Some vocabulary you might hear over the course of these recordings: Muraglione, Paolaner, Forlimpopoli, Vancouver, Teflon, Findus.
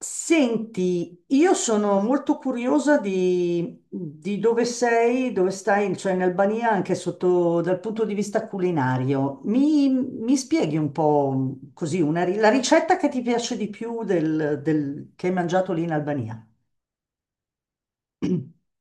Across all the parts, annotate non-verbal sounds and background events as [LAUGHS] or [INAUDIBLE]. Senti, io sono molto curiosa di dove sei, dove stai, cioè in Albania, anche sotto dal punto di vista culinario. Mi spieghi un po' così la ricetta che ti piace di più del che hai mangiato lì in Albania? [CLEARS THROAT]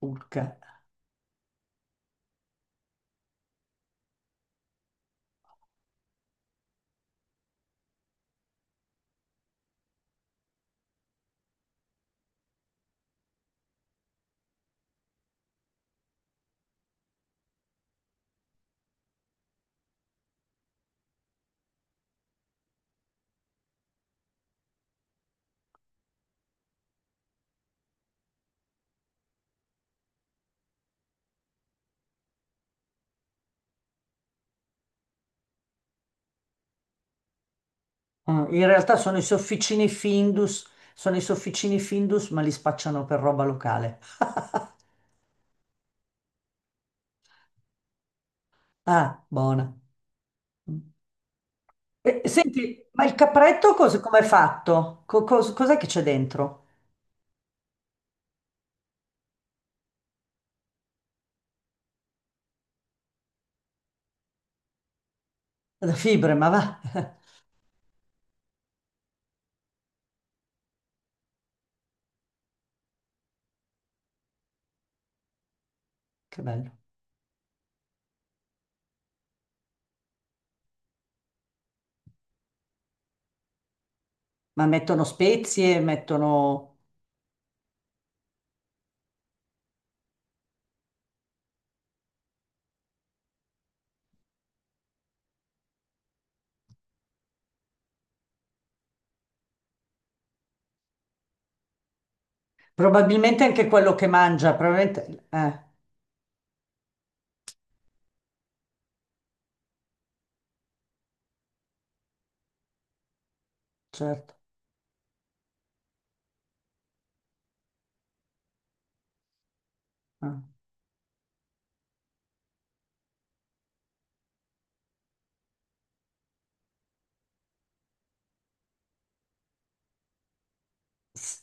Urca. Ah, in realtà sono i sofficini Findus, sono i sofficini Findus, ma li spacciano per roba locale. [LAUGHS] Ah, buona. Mm. Senti, ma il capretto com'è fatto? Cos'è che c'è dentro? Da fibre, ma va. [LAUGHS] Che bello. Ma mettono spezie, mettono... Probabilmente anche quello che mangia, probabilmente... certo. Ah. S-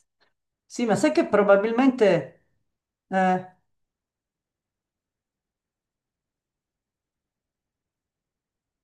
Sì, ma sai che probabilmente... eh,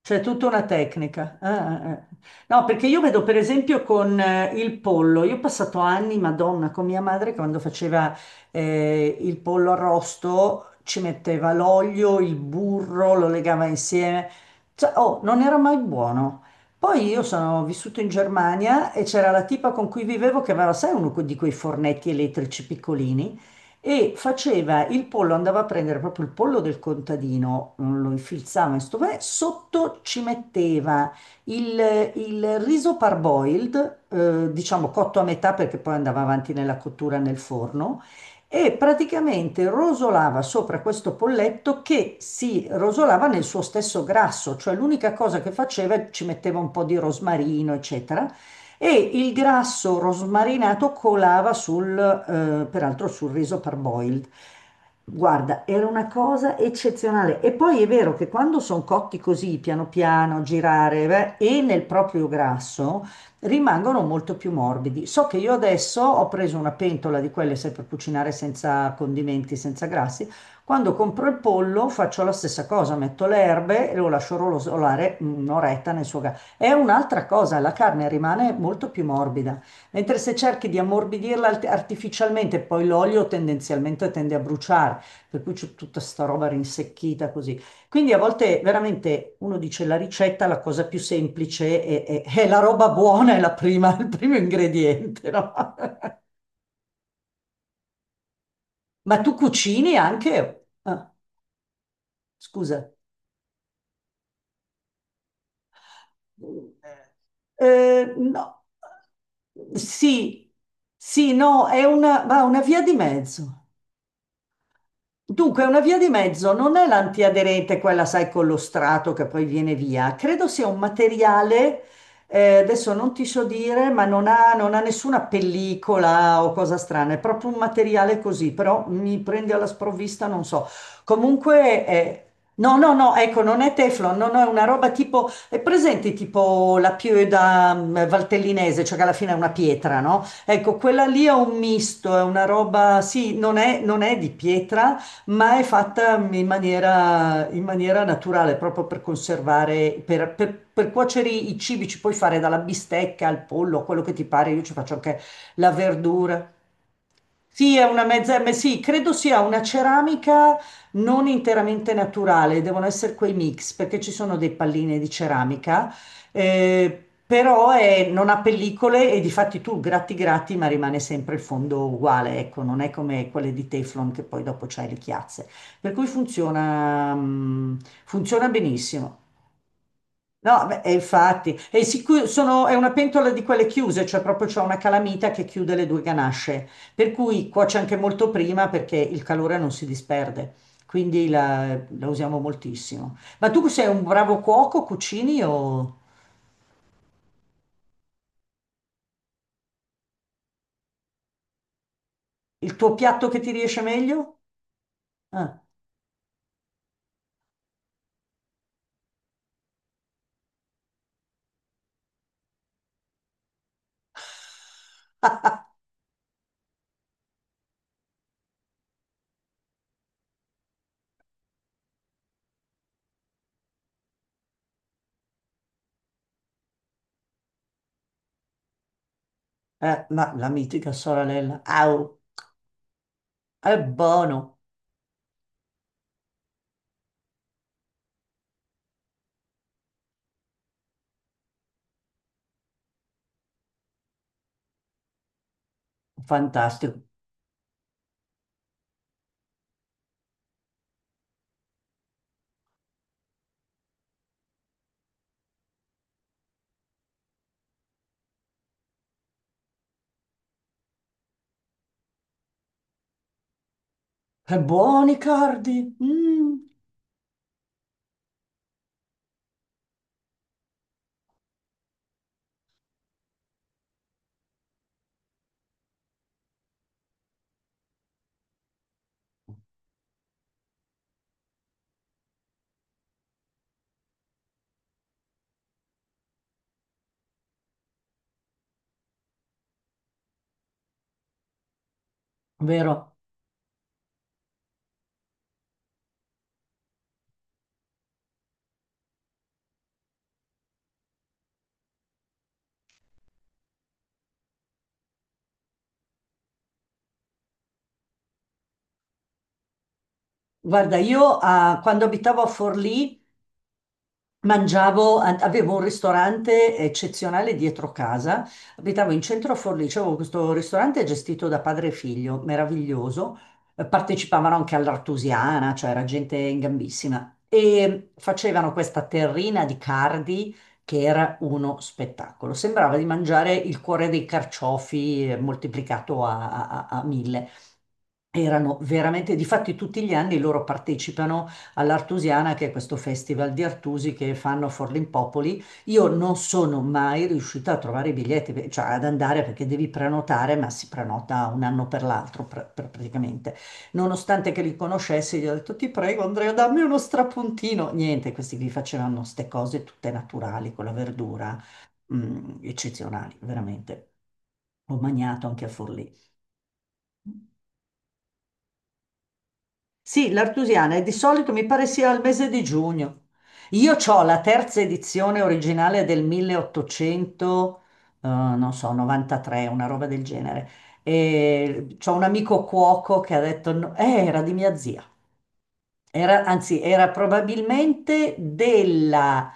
C'è tutta una tecnica. Ah, ah, ah. No, perché io vedo per esempio con il pollo, io ho passato anni, Madonna, con mia madre quando faceva il pollo arrosto, ci metteva l'olio, il burro, lo legava insieme. Cioè, oh, non era mai buono. Poi io sono vissuto in Germania e c'era la tipa con cui vivevo che aveva, sai, uno di quei fornetti elettrici piccolini e faceva il pollo, andava a prendere proprio il pollo del contadino, mm, lo infilzava in sto panè, sotto ci metteva il riso parboiled, diciamo cotto a metà perché poi andava avanti nella cottura nel forno, e praticamente rosolava sopra questo polletto che si rosolava nel suo stesso grasso, cioè l'unica cosa che faceva ci metteva un po' di rosmarino, eccetera e il grasso rosmarinato colava peraltro sul riso parboiled. Guarda, era una cosa eccezionale. E poi è vero che quando sono cotti così, piano piano, girare, beh, e nel proprio grasso, rimangono molto più morbidi. So che io adesso ho preso una pentola di quelle, sai, per cucinare senza condimenti, senza grassi. Quando compro il pollo faccio la stessa cosa, metto le erbe e lo lascio rosolare un'oretta nel suo gas. È un'altra cosa, la carne rimane molto più morbida, mentre se cerchi di ammorbidirla artificialmente, poi l'olio tendenzialmente tende a bruciare, per cui c'è tutta sta roba rinsecchita così. Quindi a volte veramente uno dice la ricetta, la cosa più semplice è è la roba buona, è la prima, [LAUGHS] il primo ingrediente, no? [LAUGHS] Ma tu cucini anche? Ah, scusa. No. Sì, sì, no, è una, ma una via di mezzo. Dunque, una via di mezzo non è l'antiaderente, quella, sai, con lo strato che poi viene via. Credo sia un materiale, adesso non ti so dire, ma non ha nessuna pellicola o cosa strana, è proprio un materiale così, però mi prende alla sprovvista, non so. Comunque, no, no, no, ecco, non è Teflon, no, no, è una roba tipo, è presente tipo la pioda mm, valtellinese, cioè che alla fine è una pietra, no? Ecco, quella lì è un misto, è una roba, sì, non è di pietra ma è fatta in maniera naturale, proprio per conservare, per cuocere i cibi, ci puoi fare dalla bistecca al pollo, a quello che ti pare, io ci faccio anche la verdura. Sì, è una mezza, ma sì, credo sia una ceramica non interamente naturale, devono essere quei mix, perché ci sono dei palline di ceramica, eh, però non ha pellicole e di fatti tu gratti gratti, ma rimane sempre il fondo uguale, ecco, non è come quelle di Teflon che poi dopo c'hai le chiazze. Per cui funziona, mm, funziona benissimo. No, beh, e infatti, è una pentola di quelle chiuse, cioè proprio c'è una calamita che chiude le due ganasce, per cui cuoce anche molto prima perché il calore non si disperde, quindi la usiamo moltissimo. Ma tu sei un bravo cuoco, cucini o il tuo piatto che ti riesce meglio? Ah, ma la mitica sorella, au, è buono, fantastico, è buoni cardi, mm, vero? Guarda, io ah, quando abitavo a Forlì, mangiavo, avevo un ristorante eccezionale dietro casa, abitavo in centro a Forlì, c'avevo questo ristorante gestito da padre e figlio, meraviglioso. Partecipavano anche all'Artusiana, cioè era gente in gambissima, e facevano questa terrina di cardi che era uno spettacolo, sembrava di mangiare il cuore dei carciofi moltiplicato a mille. Erano veramente, difatti tutti gli anni loro partecipano all'Artusiana, che è questo festival di Artusi che fanno a Forlimpopoli. Io non sono mai riuscita a trovare i biglietti, beh, cioè ad andare perché devi prenotare, ma si prenota un anno per l'altro praticamente. Nonostante che li conoscessi, gli ho detto ti prego Andrea, dammi uno strapuntino. Niente, questi qui facevano queste cose tutte naturali con la verdura, mm, eccezionali, veramente. Ho mangiato anche a Forlì. Sì, l'artusiana e di solito mi pare sia al mese di giugno. Io ho la terza edizione originale del 1800, non so, 93, una roba del genere. E c'ho un amico cuoco che ha detto, "No, era di mia zia. Era, anzi, era probabilmente della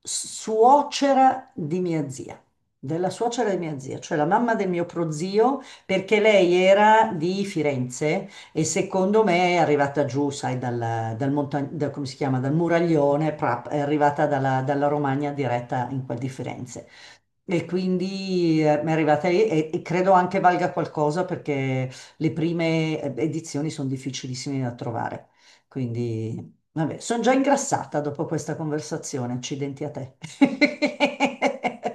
suocera di mia zia, della suocera di mia zia, cioè la mamma del mio prozio, perché lei era di Firenze e secondo me è arrivata giù, sai, come si chiama, dal Muraglione, è arrivata dalla Romagna diretta in quel di Firenze. E quindi mi è arrivata lì e credo anche valga qualcosa perché le prime edizioni sono difficilissime da trovare. Quindi, vabbè, sono già ingrassata dopo questa conversazione. Accidenti a te. [LAUGHS]